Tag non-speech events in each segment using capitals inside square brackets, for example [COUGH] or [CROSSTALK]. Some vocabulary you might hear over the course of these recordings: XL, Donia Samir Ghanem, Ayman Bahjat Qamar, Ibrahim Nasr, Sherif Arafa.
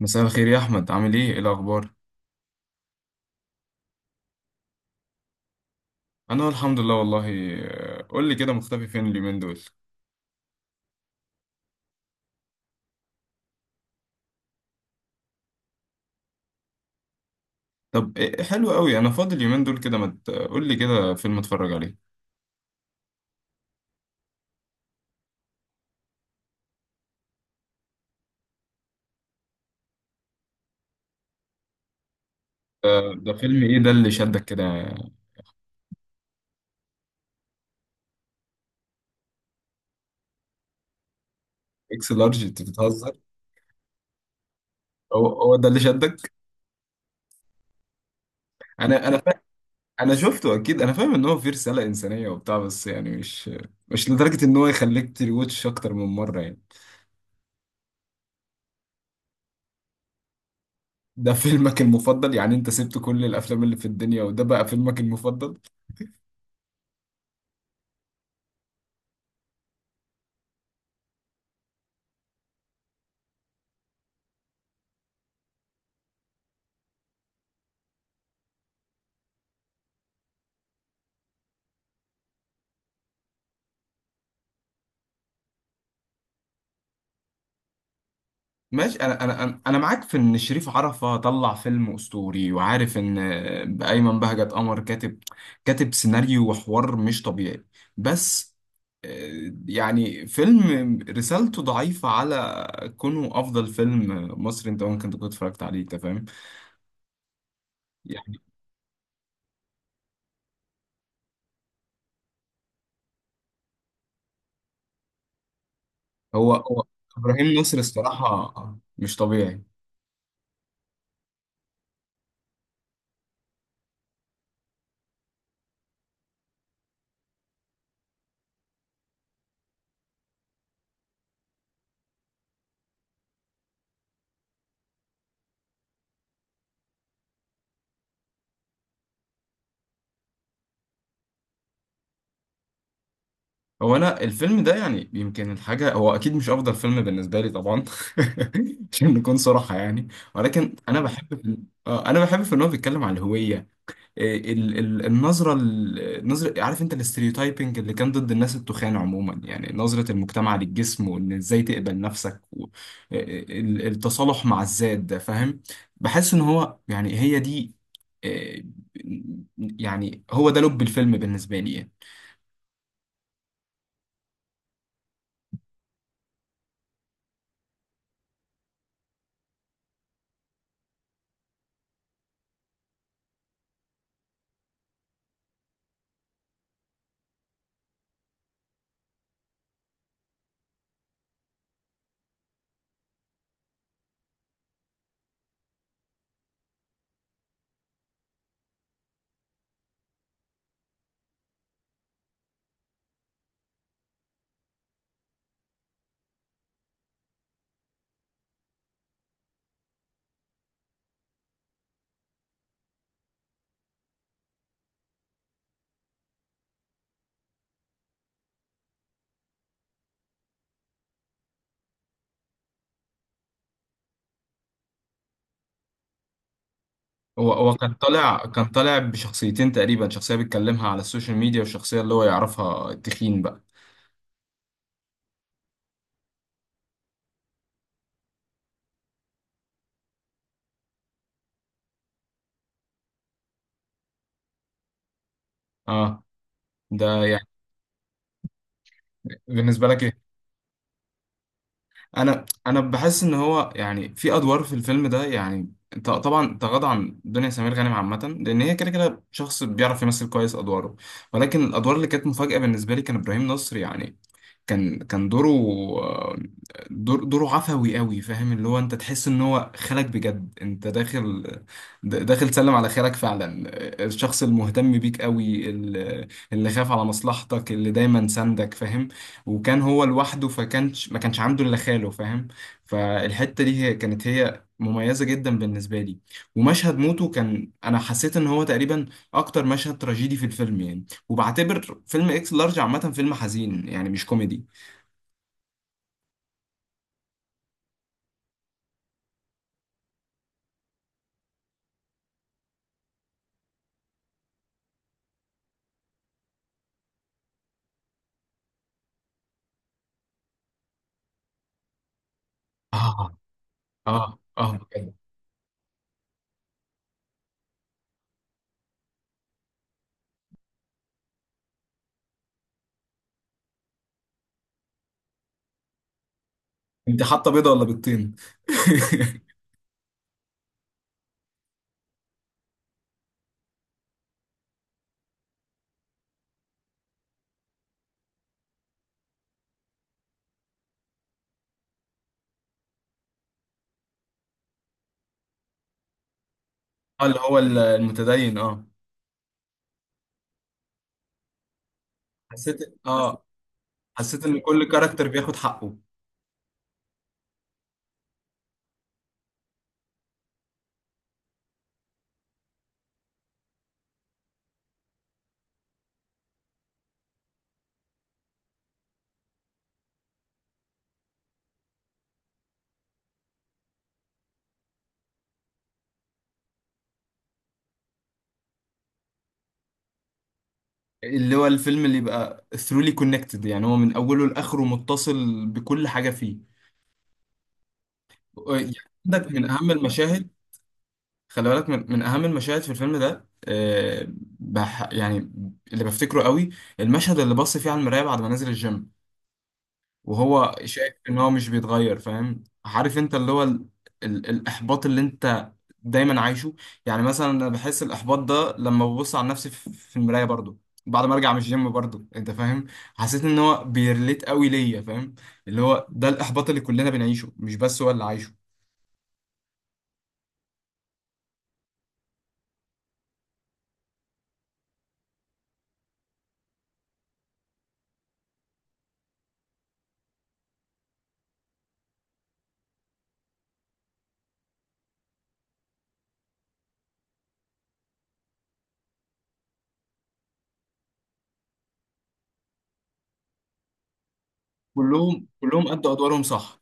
مساء الخير يا احمد، عامل ايه؟ الاخبار؟ انا الحمد لله والله. قول لي كده، مختفي فين اليومين دول؟ طب إيه إيه، حلو قوي، انا فاضي اليومين دول كده ما مت... قول لي كده فيلم اتفرج عليه. ده فيلم ايه ده اللي شدك كده؟ اكس لارج؟ انت بتهزر! هو هو ده اللي شدك؟ انا انا فا... انا شفته اكيد، انا فاهم ان هو فيه رسالة انسانية وبتاع، بس يعني مش لدرجة ان هو يخليك تريوتش اكتر من مرة يعني. ده فيلمك المفضل؟ يعني انت سبت كل الافلام اللي في الدنيا وده بقى فيلمك المفضل؟ ماشي، انا انا انا أنا معاك في ان شريف عرفة طلع فيلم اسطوري، وعارف ان ايمن بهجت قمر كاتب سيناريو وحوار مش طبيعي. بس يعني فيلم رسالته ضعيفة على كونه افضل فيلم مصري انت ممكن تكون اتفرجت عليه، انت فاهم يعني. هو هو ابراهيم نصر الصراحة مش طبيعي. هو انا الفيلم ده يعني يمكن الحاجه، هو اكيد مش افضل فيلم بالنسبه لي طبعا. [LAUGHS] عشان نكون صراحه يعني. ولكن انا بحب في... آه، انا بحب في ان هو بيتكلم عن الهويه. إيه النظره، النظره، عارف انت، الاستريوتايبنج اللي كان ضد الناس التخان عموما، يعني نظره المجتمع للجسم، وان ازاي تقبل نفسك و... إيه التصالح مع الذات، ده فاهم. بحس ان هو يعني هي دي، إيه، يعني هو ده لب الفيلم بالنسبه لي يعني. هو هو كان طالع بشخصيتين تقريبا، شخصية بيتكلمها على السوشيال ميديا والشخصية اللي هو يعرفها التخين بقى. اه ده يعني. بالنسبة لك. انا بحس ان هو يعني في ادوار في الفيلم ده يعني طبعا تغاضى عن دنيا سمير غانم عامه، لان هي كده كده شخص بيعرف يمثل كويس ادواره، ولكن الادوار اللي كانت مفاجاه بالنسبه لي كان ابراهيم نصر يعني. كان دوره، دوره عفوي قوي، فاهم، اللي هو انت تحس ان هو خالك بجد، انت داخل، داخل سلم على خالك فعلا. الشخص المهتم بيك قوي، اللي خاف على مصلحتك، اللي دايما ساندك، فاهم. وكان هو لوحده، فكانش ما كانش عنده الا خاله، فاهم. فالحته دي هي كانت هي مميزه جدا بالنسبه لي. ومشهد موته كان، انا حسيت ان هو تقريبا اكتر مشهد تراجيدي في الفيلم يعني. وبعتبر فيلم اكس لارج عامه فيلم حزين يعني، مش كوميدي. اه، اه، اه بجد. انت حاطه بيضه ولا بيضتين؟ [LAUGHS] اه اللي هو المتدين، اه. حسيت، اه، حسيت ان كل كاركتر بياخد حقه. اللي هو الفيلم اللي يبقى ثرولي كونكتد، يعني هو من اوله لاخره متصل بكل حاجه فيه. يعني عندك من اهم المشاهد، خلي بالك من، من اهم المشاهد في الفيلم ده، يعني اللي بفتكره قوي، المشهد اللي بص فيه على المرايه بعد ما نزل الجيم وهو شايف ان هو مش بيتغير، فاهم؟ عارف انت اللي هو ال ال الاحباط اللي انت دايما عايشه. يعني مثلا انا بحس الاحباط ده لما ببص على نفسي في في المرايه برضو، بعد ما ارجع من الجيم برضو، انت فاهم. حسيت ان هو بيرليت قوي ليا، فاهم، اللي هو ده الاحباط اللي كلنا بنعيشه، مش بس هو اللي عايشه. كلهم ادوا ادوارهم صح.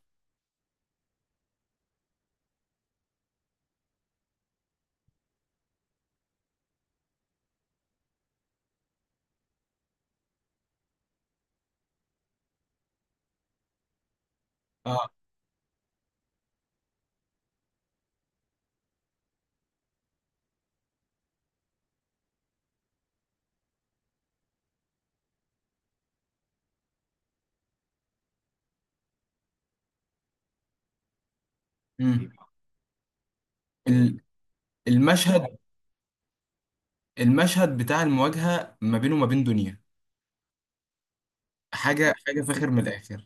اه. امم ال- المشهد، المشهد بتاع المواجهه ما بينه وما بين دنيا، حاجه فاخر من الاخر.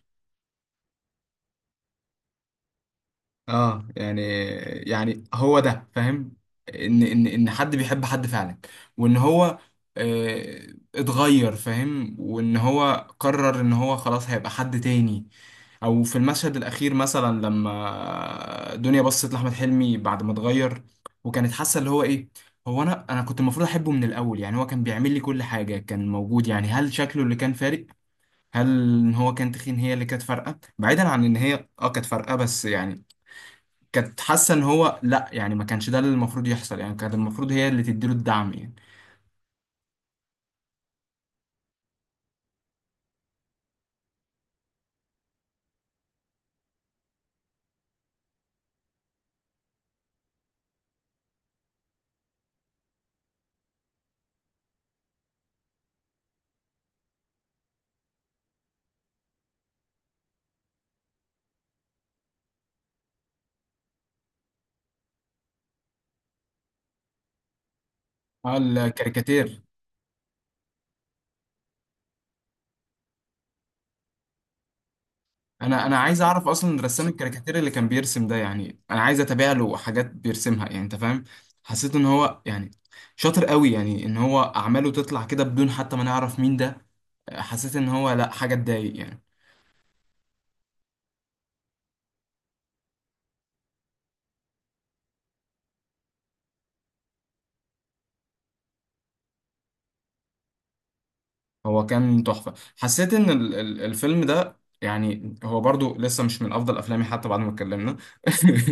اه يعني، يعني هو ده فاهم، ان حد بيحب حد فعلا، وان هو، آه، اتغير، فاهم، وان هو قرر ان هو خلاص هيبقى حد تاني. او في المشهد الاخير مثلا لما دنيا بصت لاحمد حلمي بعد ما اتغير، وكانت حاسه اللي هو ايه، هو انا كنت المفروض احبه من الاول، يعني هو كان بيعمل لي كل حاجه، كان موجود، يعني هل شكله اللي كان فارق؟ هل ان هو كان تخين هي اللي كانت فارقه، بعيدا عن ان هي اه كانت فارقه، بس يعني كانت حاسه ان هو لا، يعني ما كانش ده اللي المفروض يحصل، يعني كانت المفروض هي اللي تديله الدعم يعني. اه الكاريكاتير. انا عايز اعرف اصلا رسام الكاريكاتير اللي كان بيرسم ده، يعني انا عايز اتابع له حاجات بيرسمها، يعني انت فاهم. حسيت ان هو يعني شاطر قوي، يعني ان هو اعماله تطلع كده بدون حتى ما نعرف مين ده. حسيت ان هو لا، حاجه تضايق يعني. هو كان تحفة. حسيت ان الفيلم ده، يعني هو برضو لسه مش من افضل افلامي حتى بعد ما اتكلمنا. [LAUGHS]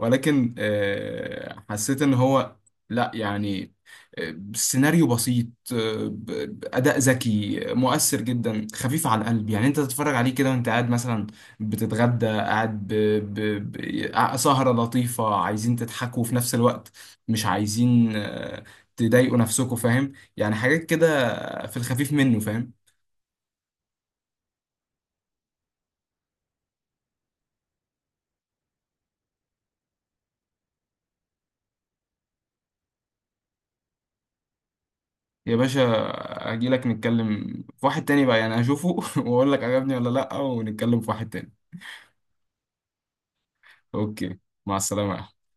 ولكن حسيت ان هو لا يعني، سيناريو بسيط، آه، ب- اداء ذكي، مؤثر جدا، خفيف على القلب، يعني انت تتفرج عليه كده وانت قاعد مثلا بتتغدى، قاعد ب... ب... سهرة لطيفة عايزين تضحكوا في نفس الوقت، مش عايزين تضايقوا نفسكوا، فاهم يعني، حاجات كده في الخفيف منه، فاهم. يا باشا، هجي لك نتكلم في واحد تاني بقى، يعني اشوفه [LAUGHS] واقول لك عجبني ولا لا، ونتكلم في واحد تاني. اوكي، مع السلامة يا أحمد.